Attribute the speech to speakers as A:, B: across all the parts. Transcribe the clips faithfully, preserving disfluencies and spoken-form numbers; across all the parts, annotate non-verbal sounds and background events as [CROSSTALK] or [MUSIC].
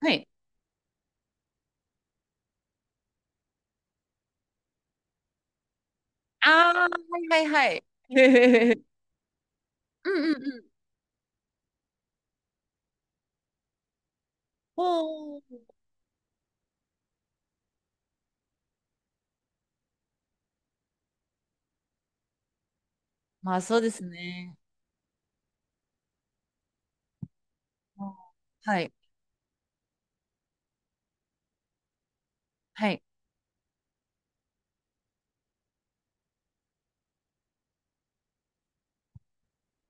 A: はい。ああ、はいはいはい。[LAUGHS] へへへへうんうんうん。おーまあそうですね。うんはい。はい。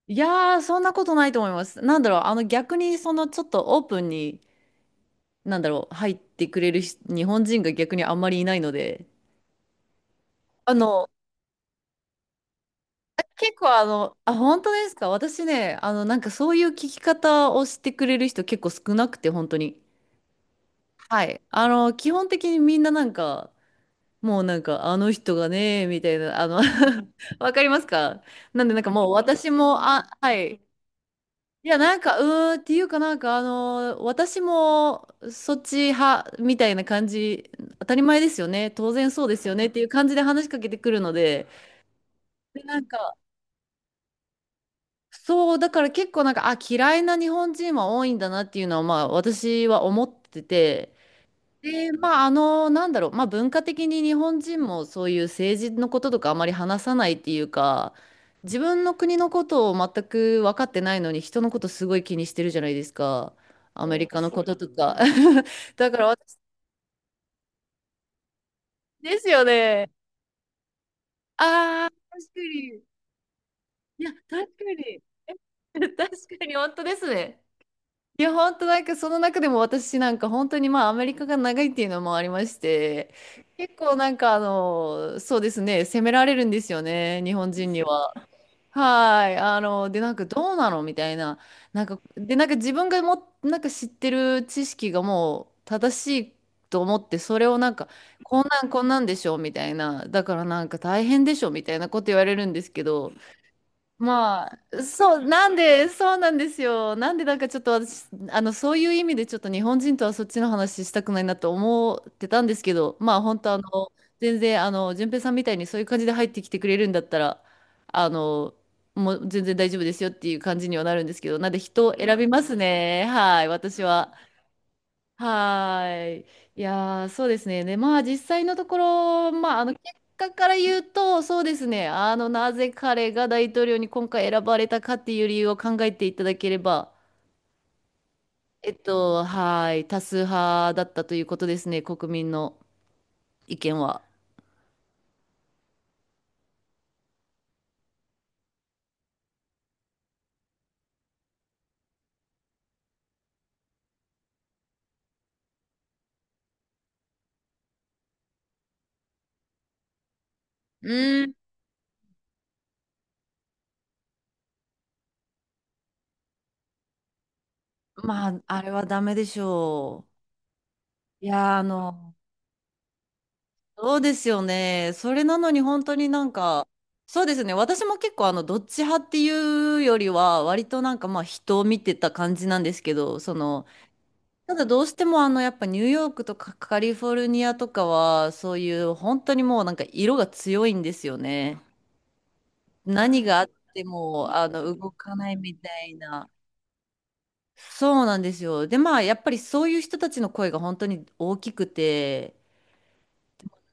A: いやー、そんなことないと思います。なんだろう、あの逆にそのちょっとオープンに、なんだろう、入ってくれる人日本人が逆にあんまりいないので、あの、結構あの、あ、本当ですか。私ね、あの、なんかそういう聞き方をしてくれる人結構少なくて、本当に。はい。あの、基本的にみんななんか、もうなんか、あの人がね、みたいな、あの [LAUGHS] わかりますか。なんでなんかもう私も、あ、はい。いや、なんか、うーんっていうかなんか、あの、私もそっち派みたいな感じ、当たり前ですよね、当然そうですよねっていう感じで話しかけてくるので、で、なんか、そう、だから結構なんか、あ、嫌いな日本人は多いんだなっていうのは、まあ、私は思ってて、で、まあ、あの、なんだろう、まあ、文化的に日本人もそういう政治のこととかあまり話さないっていうか、自分の国のことを全く分かってないのに、人のことすごい気にしてるじゃないですか、アメリカのこととねか。[LAUGHS] だから私、ですよね。ああ、確かに。いや、確かに。[LAUGHS] 確かに、本当ですね。いや、本当なんかその中でも私なんか本当にまあアメリカが長いっていうのもありまして、結構なんかあの、そうですね、責められるんですよね、日本人には。はい。あの、で、なんかどうなのみたいな。なんか、で、なんか自分がも、なんか知ってる知識がもう正しいと思って、それをなんか、こんなんこんなんでしょみたいな。だからなんか大変でしょみたいなこと言われるんですけど、まあ、そう、なんで、そうなんですよ。なんで、なんかちょっと私、あの、そういう意味でちょっと日本人とはそっちの話したくないなと思ってたんですけど、まあ、本当あの、全然、あの、順平さんみたいにそういう感じで入ってきてくれるんだったら、あの、もう全然大丈夫ですよっていう感じにはなるんですけど、なんで人を選びますね。はい、私は。はーい。いやー、そうですね。で、まあ、実際のところ、まあ、あの、結果から言うと、そうですね。あの、なぜ彼が大統領に今回選ばれたかっていう理由を考えていただければ、えっと、はーい。多数派だったということですね。国民の意見は。うん。まあ、あれはダメでしょう。いやー、あの、そうですよね。それなのに本当になんか、そうですね。私も結構あの、どっち派っていうよりは、割となんかまあ人を見てた感じなんですけど、その、ただどうしてもあの、やっぱニューヨークとかカリフォルニアとかは、そういう本当にもうなんか色が強いんですよね。何があっても、あの、動かないみたいな。そうなんですよ。で、まあ、やっぱりそういう人たちの声が本当に大きくて、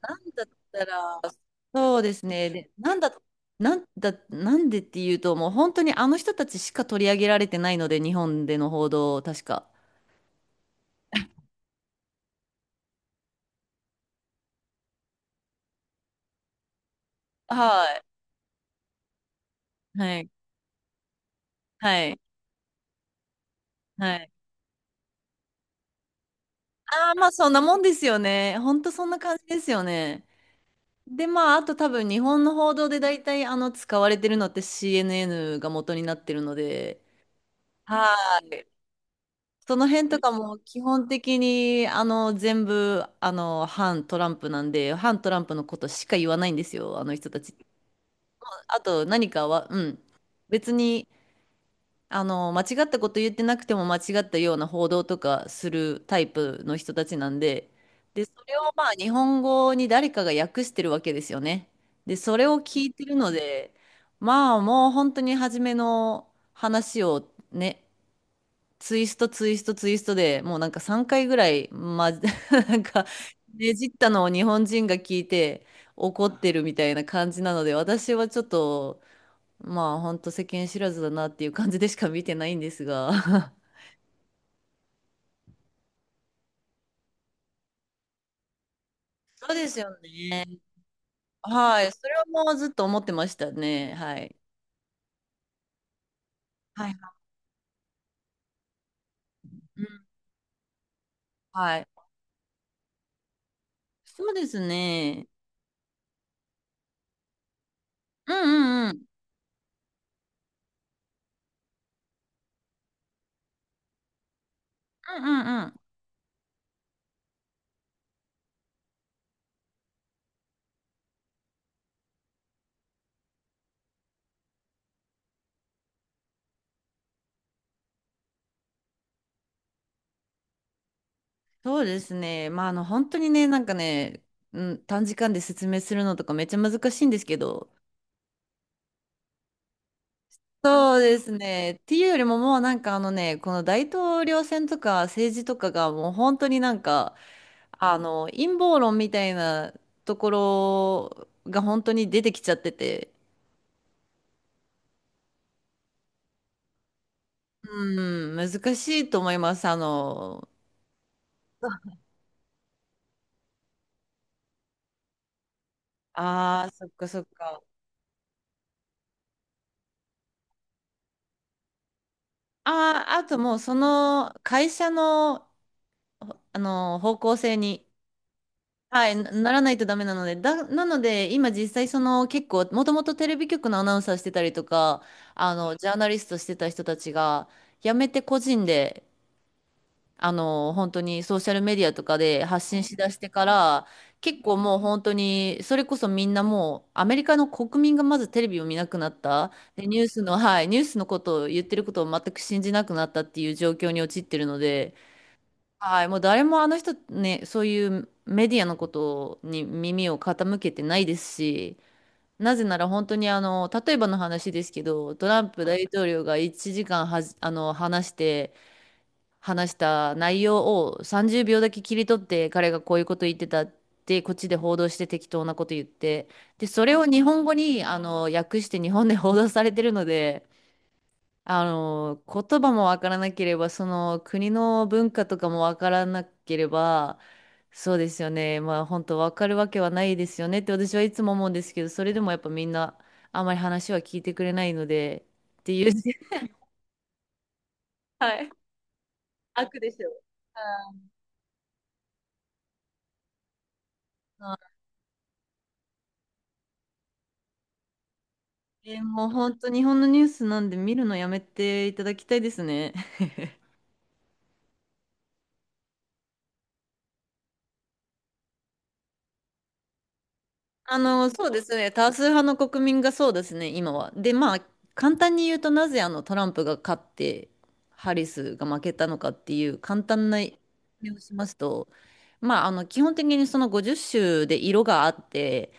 A: なんだったら、そうですね。で、なんだ、なんだ、なんでっていうと、もう本当にあの人たちしか取り上げられてないので、日本での報道、確か。はい。はい。はい。はい。ああ、まあそんなもんですよね。本当そんな感じですよね。で、まあ、あと多分日本の報道で大体あの使われてるのって シーエヌエヌ が元になってるので、はい。その辺とかも基本的にあの全部あの反トランプなんで反トランプのことしか言わないんですよあの人たち。あと何かは、うん、別にあの間違ったこと言ってなくても間違ったような報道とかするタイプの人たちなんで、でそれをまあ日本語に誰かが訳してるわけですよね。でそれを聞いてるのでまあもう本当に初めの話をねツイストツイストツイストでもうなんかさんかいぐらい、ま、[LAUGHS] なんかねじったのを日本人が聞いて怒ってるみたいな感じなので私はちょっとまあほんと世間知らずだなっていう感じでしか見てないんですが [LAUGHS] そうですよね [LAUGHS] はいそれはもうずっと思ってましたねはいはいはい、うんはいそうですねうんうんうんうんうんうんそうですね。まあ、あの、本当にね、なんかね、うん、短時間で説明するのとかめっちゃ難しいんですけど、そうですね。っていうよりももうなんかあのね、この大統領選とか政治とかがもう本当になんか、あの、陰謀論みたいなところが本当に出てきちゃってて、うん、難しいと思います。あの、ああ、そっかそっか。ああ、あともうその会社の、あの、方向性に、はい、なならないとダメなので、だ、なので、今実際その結構、もともとテレビ局のアナウンサーしてたりとか、あの、ジャーナリストしてた人たちが、辞めて個人で、あの、本当にソーシャルメディアとかで発信しだしてから、結構もう本当に、それこそみんなもう、アメリカの国民がまずテレビを見なくなった。で、ニュースの、はい、ニュースのことを言ってることを全く信じなくなったっていう状況に陥ってるので、はい、もう誰もあの人ね、そういうメディアのことに耳を傾けてないですし、なぜなら本当にあの、例えばの話ですけど、トランプ大統領がいちじかんはじ、あの、話して、話した内容をさんじゅうびょうだけ切り取って、彼がこういうこと言ってたって、こっちで報道して適当なこと言って、で、それを日本語にあの、訳して日本で報道されてるので、あの、言葉もわからなければ、その国の文化とかもわからなければ、そうですよね。まあ本当わかるわけはないですよねって私はいつも思うんですけど、それでもやっぱみんなあまり話は聞いてくれないので、っていう。[LAUGHS] はい。悪でしょ。はい。えーもう本当日本のニュースなんで見るのやめていただきたいですね。あの、そうですね。多数派の国民がそうですね、今は。で、まあ、簡単に言うとなぜあのトランプが勝って、ハリスが負けたのかっていう簡単な説明をしますと、まあ、あの、基本的にそのごじゅっしゅう州で色があって、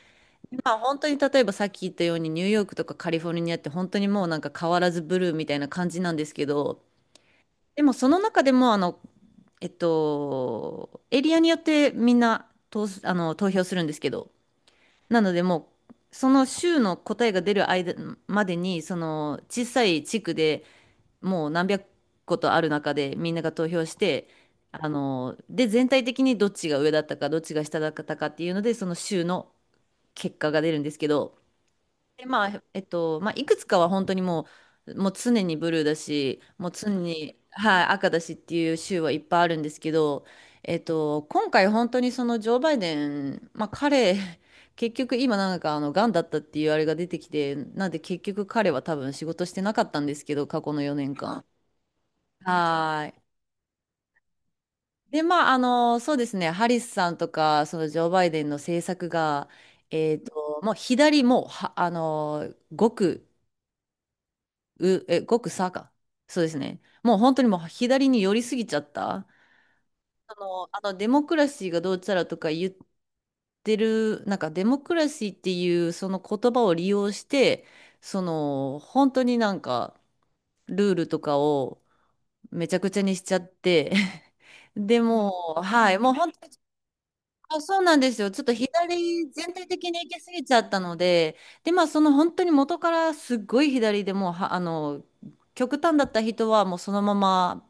A: まあ、本当に例えばさっき言ったようにニューヨークとかカリフォルニアって本当にもうなんか変わらずブルーみたいな感じなんですけど、でもその中でもあの、えっと、エリアによってみんな投す、あの、投票するんですけど、なのでもうその州の答えが出る間までにその小さい地区でもう何百個とある中でみんなが投票してあので全体的にどっちが上だったかどっちが下だったかっていうのでその州の結果が出るんですけどで、まあ、えっと、まあ、いくつかは本当にもう、もう常にブルーだし、もう常に、はい、赤だしっていう州はいっぱいあるんですけど、えっと、今回本当にそのジョー・バイデン、まあ彼、[LAUGHS] 結局今なんかあの、癌だったっていうあれが出てきて、なんで結局彼は多分仕事してなかったんですけど、過去のよねんかん。はーい。で、まあ、あの、そうですね、ハリスさんとか、そのジョー・バイデンの政策が、えっと、もう左もうは、あの、極う、え、ごくさか。そうですね。もう本当にもう左に寄りすぎちゃった。あの、あのデモクラシーがどうちゃらとか言ってる、なんかデモクラシーっていうその言葉を利用して、その本当になんかルールとかをめちゃくちゃにしちゃって、[LAUGHS] でもう、はい、もう本当にあ、そうなんですよ。ちょっと左全体的に行き過ぎちゃったので、で、まあその本当に元からすっごい左でもうは、あの、極端だった人はもうそのまま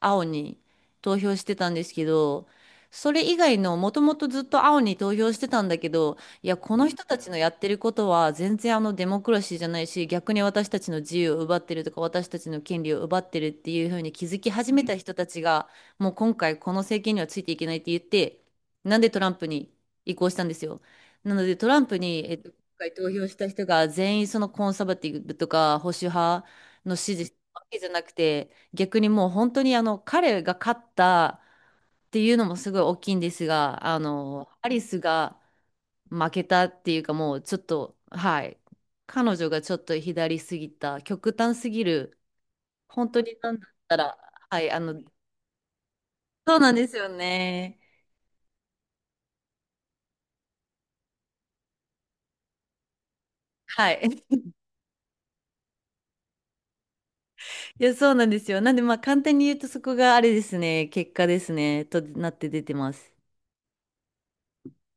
A: 青に投票してたんですけど、それ以外のもともとずっと青に投票してたんだけど、いや、この人たちのやってることは全然あのデモクラシーじゃないし、逆に私たちの自由を奪ってるとか、私たちの権利を奪ってるっていうふうに気づき始めた人たちが、もう今回この政権にはついていけないって言って、なんでトランプに移行したんですよ。なのでトランプに、えっと、今回投票した人が全員そのコンサバティブとか保守派の支持したわけじゃなくて、逆にもう本当にあの彼が勝ったっていうのもすごい大きいんですが、あの、アリスが負けたっていうかもうちょっと、はい、彼女がちょっと左すぎた、極端すぎる、本当になんだったら、はい、あの、そうなんですよね。はい。[LAUGHS] いや、そうなんですよ。なんでまあ簡単に言うとそこがあれですね、結果ですね、となって出てます。